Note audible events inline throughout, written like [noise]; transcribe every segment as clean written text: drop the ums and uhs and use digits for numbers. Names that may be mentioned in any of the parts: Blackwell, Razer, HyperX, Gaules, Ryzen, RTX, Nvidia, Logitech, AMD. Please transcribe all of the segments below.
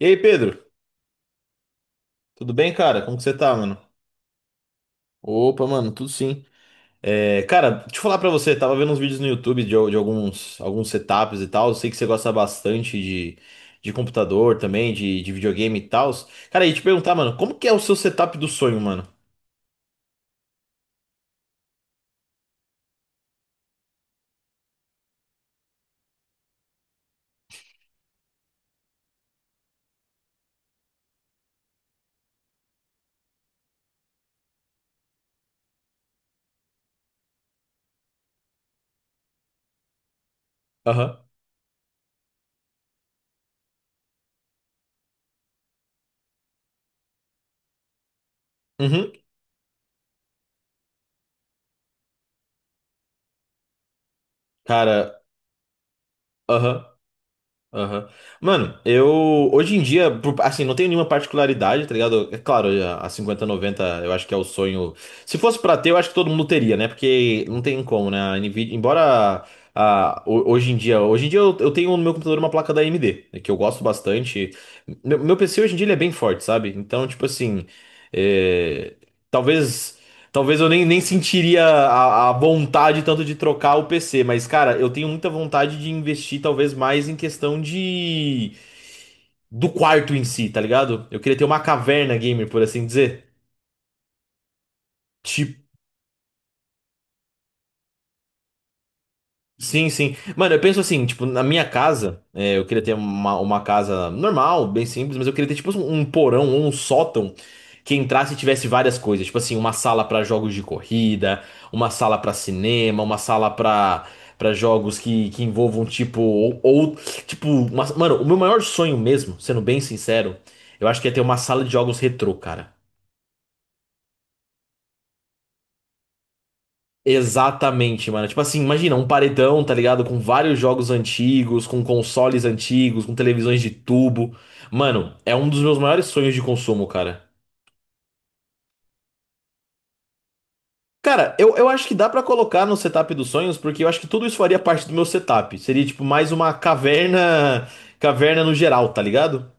E aí, Pedro? Tudo bem, cara? Como que você tá, mano? Opa, mano, tudo sim. É, cara, deixa eu falar pra você, tava vendo uns vídeos no YouTube de alguns setups e tal. Eu sei que você gosta bastante de computador também, de videogame e tal. Cara, e te perguntar, mano, como que é o seu setup do sonho, mano? Aham. Uhum. Cara, aham. Aham. Mano, eu hoje em dia, assim, não tenho nenhuma particularidade, tá ligado? É claro, a 5090 eu acho que é o sonho. Se fosse pra ter, eu acho que todo mundo teria, né? Porque não tem como, né? A Nvidia, embora a, hoje em dia eu tenho no meu computador uma placa da AMD, né, que eu gosto bastante. Meu PC hoje em dia ele é bem forte, sabe? Então, tipo assim, é, talvez. Talvez eu nem sentiria a vontade tanto de trocar o PC, mas, cara, eu tenho muita vontade de investir talvez mais em questão de do quarto em si, tá ligado? Eu queria ter uma caverna gamer, por assim dizer. Tipo, sim, sim. Mano, eu penso assim, tipo, na minha casa, é, eu queria ter uma casa normal, bem simples, mas eu queria ter, tipo, um porão ou um sótão que entrasse e tivesse várias coisas. Tipo assim, uma sala pra jogos de corrida, uma sala pra cinema, uma sala pra para jogos que envolvam, tipo, ou tipo, uma- mano, o meu maior sonho mesmo, sendo bem sincero, eu acho que é ter uma sala de jogos retrô, cara. Exatamente, mano. Tipo assim, imagina um paredão, tá ligado? Com vários jogos antigos, com consoles antigos, com televisões de tubo. Mano, é um dos meus maiores sonhos de consumo, cara. Cara, eu acho que dá pra colocar no setup dos sonhos, porque eu acho que tudo isso faria parte do meu setup. Seria tipo mais uma caverna, caverna no geral, tá ligado?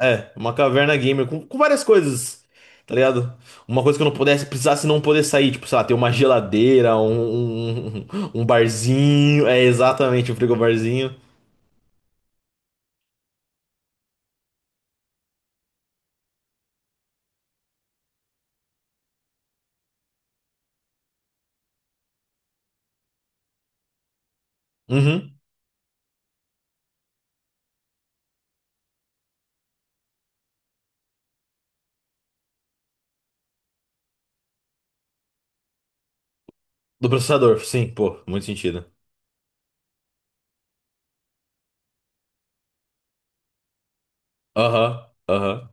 É, uma caverna gamer com várias coisas, tá ligado? Uma coisa que eu não pudesse, precisasse não poder sair, tipo, sei lá, ter uma geladeira, um barzinho. É exatamente, um frigobarzinho. Uhum. Do processador, sim, pô, muito sentido. Aham, aham.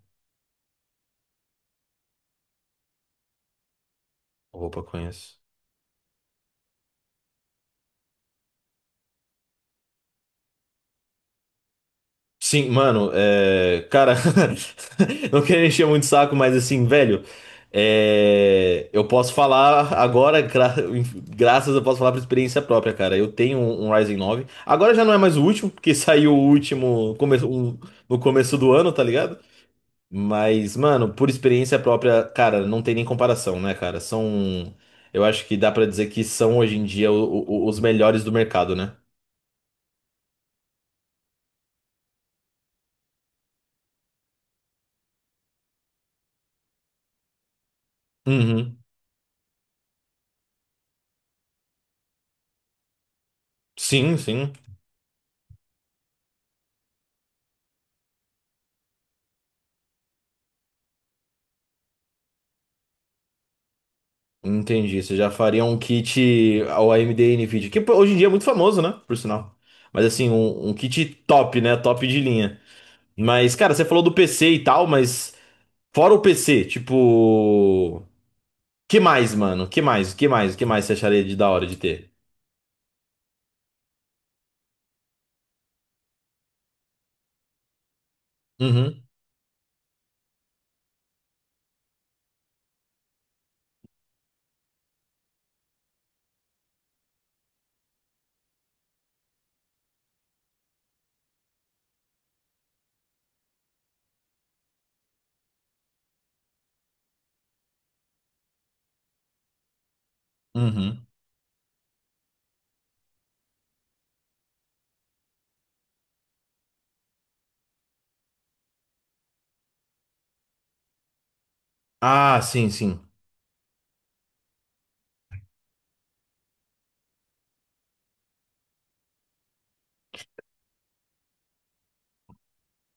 Opa, conheço. Sim, mano, é, cara, [laughs] não quero encher muito o saco, mas assim, velho, é, eu posso falar agora, graças eu posso falar por experiência própria, cara. Eu tenho um Ryzen 9. Agora já não é mais o último, porque [laughs] saiu o último no começo do ano, tá ligado? Mas, mano, por experiência própria, cara, não tem nem comparação, né, cara? São, eu acho que dá pra dizer que são hoje em dia os melhores do mercado, né? Uhum. Sim, sim. Entendi. Você já faria um kit ao AMD NVIDIA, que pô, hoje em dia é muito famoso, né? Por sinal. Mas assim, um kit top, né? Top de linha. Mas, cara, você falou do PC e tal, mas fora o PC, tipo, que mais, mano? Que mais? Que mais? Que mais você acharia de da hora de ter? Uhum, uhum. Ah, sim, sim.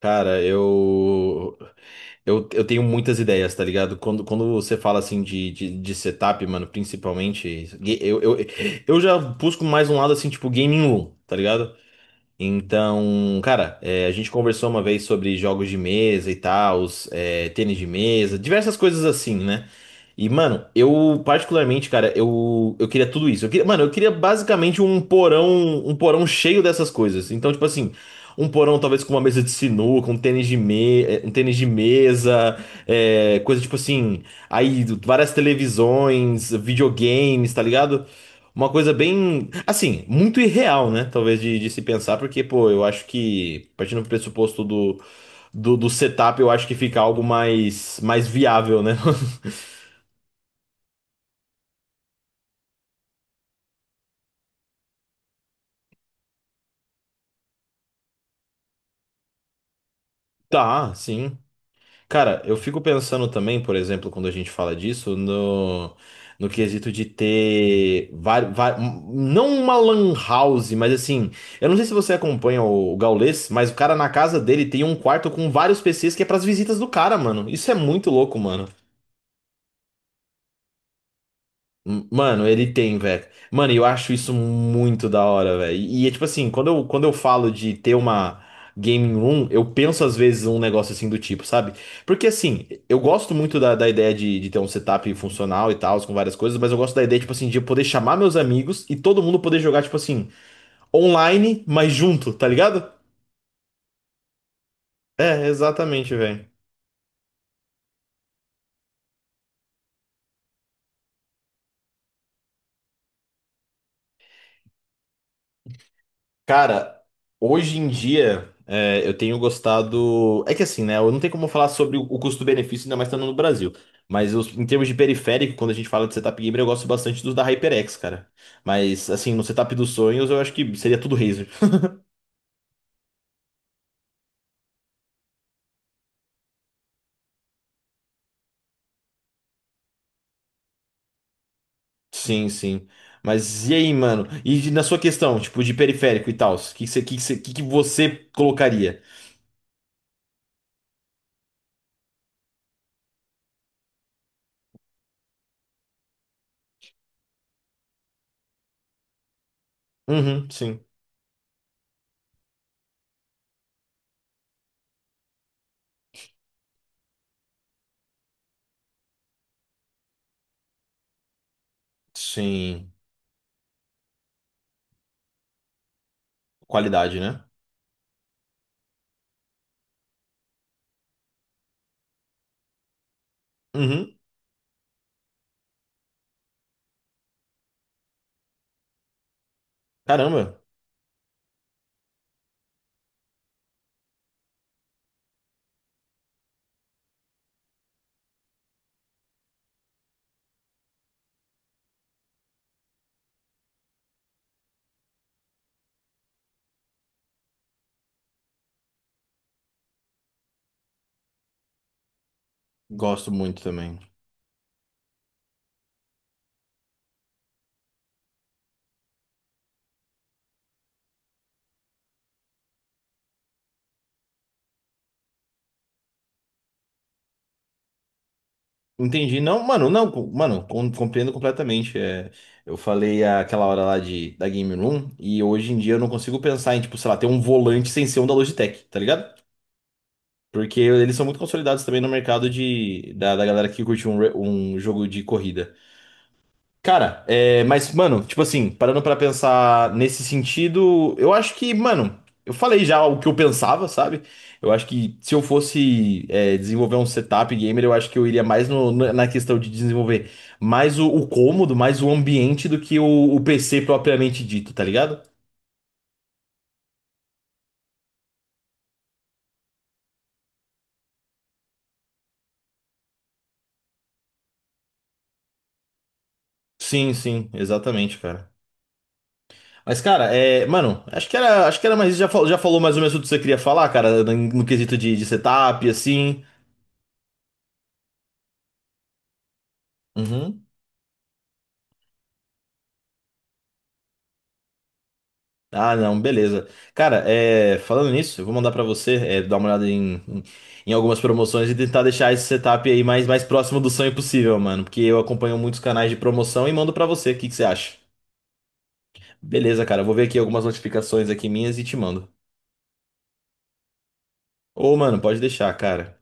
Cara, eu. Eu tenho muitas ideias, tá ligado? Quando você fala assim de setup, mano, principalmente, eu já busco mais um lado assim, tipo gaming room, tá ligado? Então, cara, é, a gente conversou uma vez sobre jogos de mesa e tal, os, é, tênis de mesa, diversas coisas assim, né? E, mano, eu particularmente, cara, eu queria tudo isso. Eu queria, mano, eu queria basicamente um porão cheio dessas coisas. Então, tipo assim, um porão talvez com uma mesa de sinuca, um tênis de, me, um tênis de mesa, coisa tipo assim, aí várias televisões, videogames, tá ligado? Uma coisa bem, assim, muito irreal, né? Talvez de se pensar, porque, pô, eu acho que, partindo do pressuposto do, do setup, eu acho que fica algo mais, mais viável, né? [laughs] Tá, sim. Cara, eu fico pensando também, por exemplo, quando a gente fala disso, no, no quesito de ter não uma lan house, mas assim, eu não sei se você acompanha o Gaules, mas o cara na casa dele tem um quarto com vários PCs que é pras visitas do cara, mano. Isso é muito louco, mano. Mano, ele tem, velho. Mano, eu acho isso muito da hora, velho. E, é tipo assim, quando eu falo de ter uma gaming room, eu penso às vezes um negócio assim do tipo, sabe? Porque assim, eu gosto muito da ideia de ter um setup funcional e tal, com várias coisas, mas eu gosto da ideia, tipo assim, de eu poder chamar meus amigos e todo mundo poder jogar, tipo assim, online, mas junto, tá ligado? É, exatamente, velho. Cara, hoje em dia é, eu tenho gostado. É que assim, né? Eu não tenho como falar sobre o custo-benefício, ainda mais estando no Brasil. Mas em termos de periférico, quando a gente fala de setup gamer, eu gosto bastante dos da HyperX, cara. Mas assim, no setup dos sonhos, eu acho que seria tudo Razer. Sim, sim. Mas e aí, mano? E na sua questão, tipo, de periférico e tal, o que você colocaria? Uhum, sim. Sim. Qualidade, né? Uhum. Caramba, gosto muito também. Entendi. Não, mano, não, mano, compreendo completamente. É, eu falei aquela hora lá de, da Game Room e hoje em dia eu não consigo pensar em, tipo, sei lá, ter um volante sem ser um da Logitech, tá ligado? Porque eles são muito consolidados também no mercado de, da galera que curte um, um jogo de corrida. Cara, é, mas, mano, tipo assim, parando pra pensar nesse sentido, eu acho que, mano, eu falei já o que eu pensava, sabe? Eu acho que se eu fosse, é, desenvolver um setup gamer, eu acho que eu iria mais na questão de desenvolver mais o cômodo, mais o ambiente do que o PC propriamente dito, tá ligado? Sim, sim, exatamente, cara. Mas, cara, é, mano, acho que era mais, já, já falou mais ou menos o que você queria falar, cara, no, no quesito de setup, assim. Uhum. Ah, não, beleza. Cara, é, falando nisso, eu vou mandar pra você é, dar uma olhada em algumas promoções e tentar deixar esse setup aí mais, mais próximo do sonho possível, mano. Porque eu acompanho muitos canais de promoção e mando pra você. O que que você acha? Beleza, cara, eu vou ver aqui algumas notificações aqui minhas e te mando. Ô, mano, pode deixar, cara.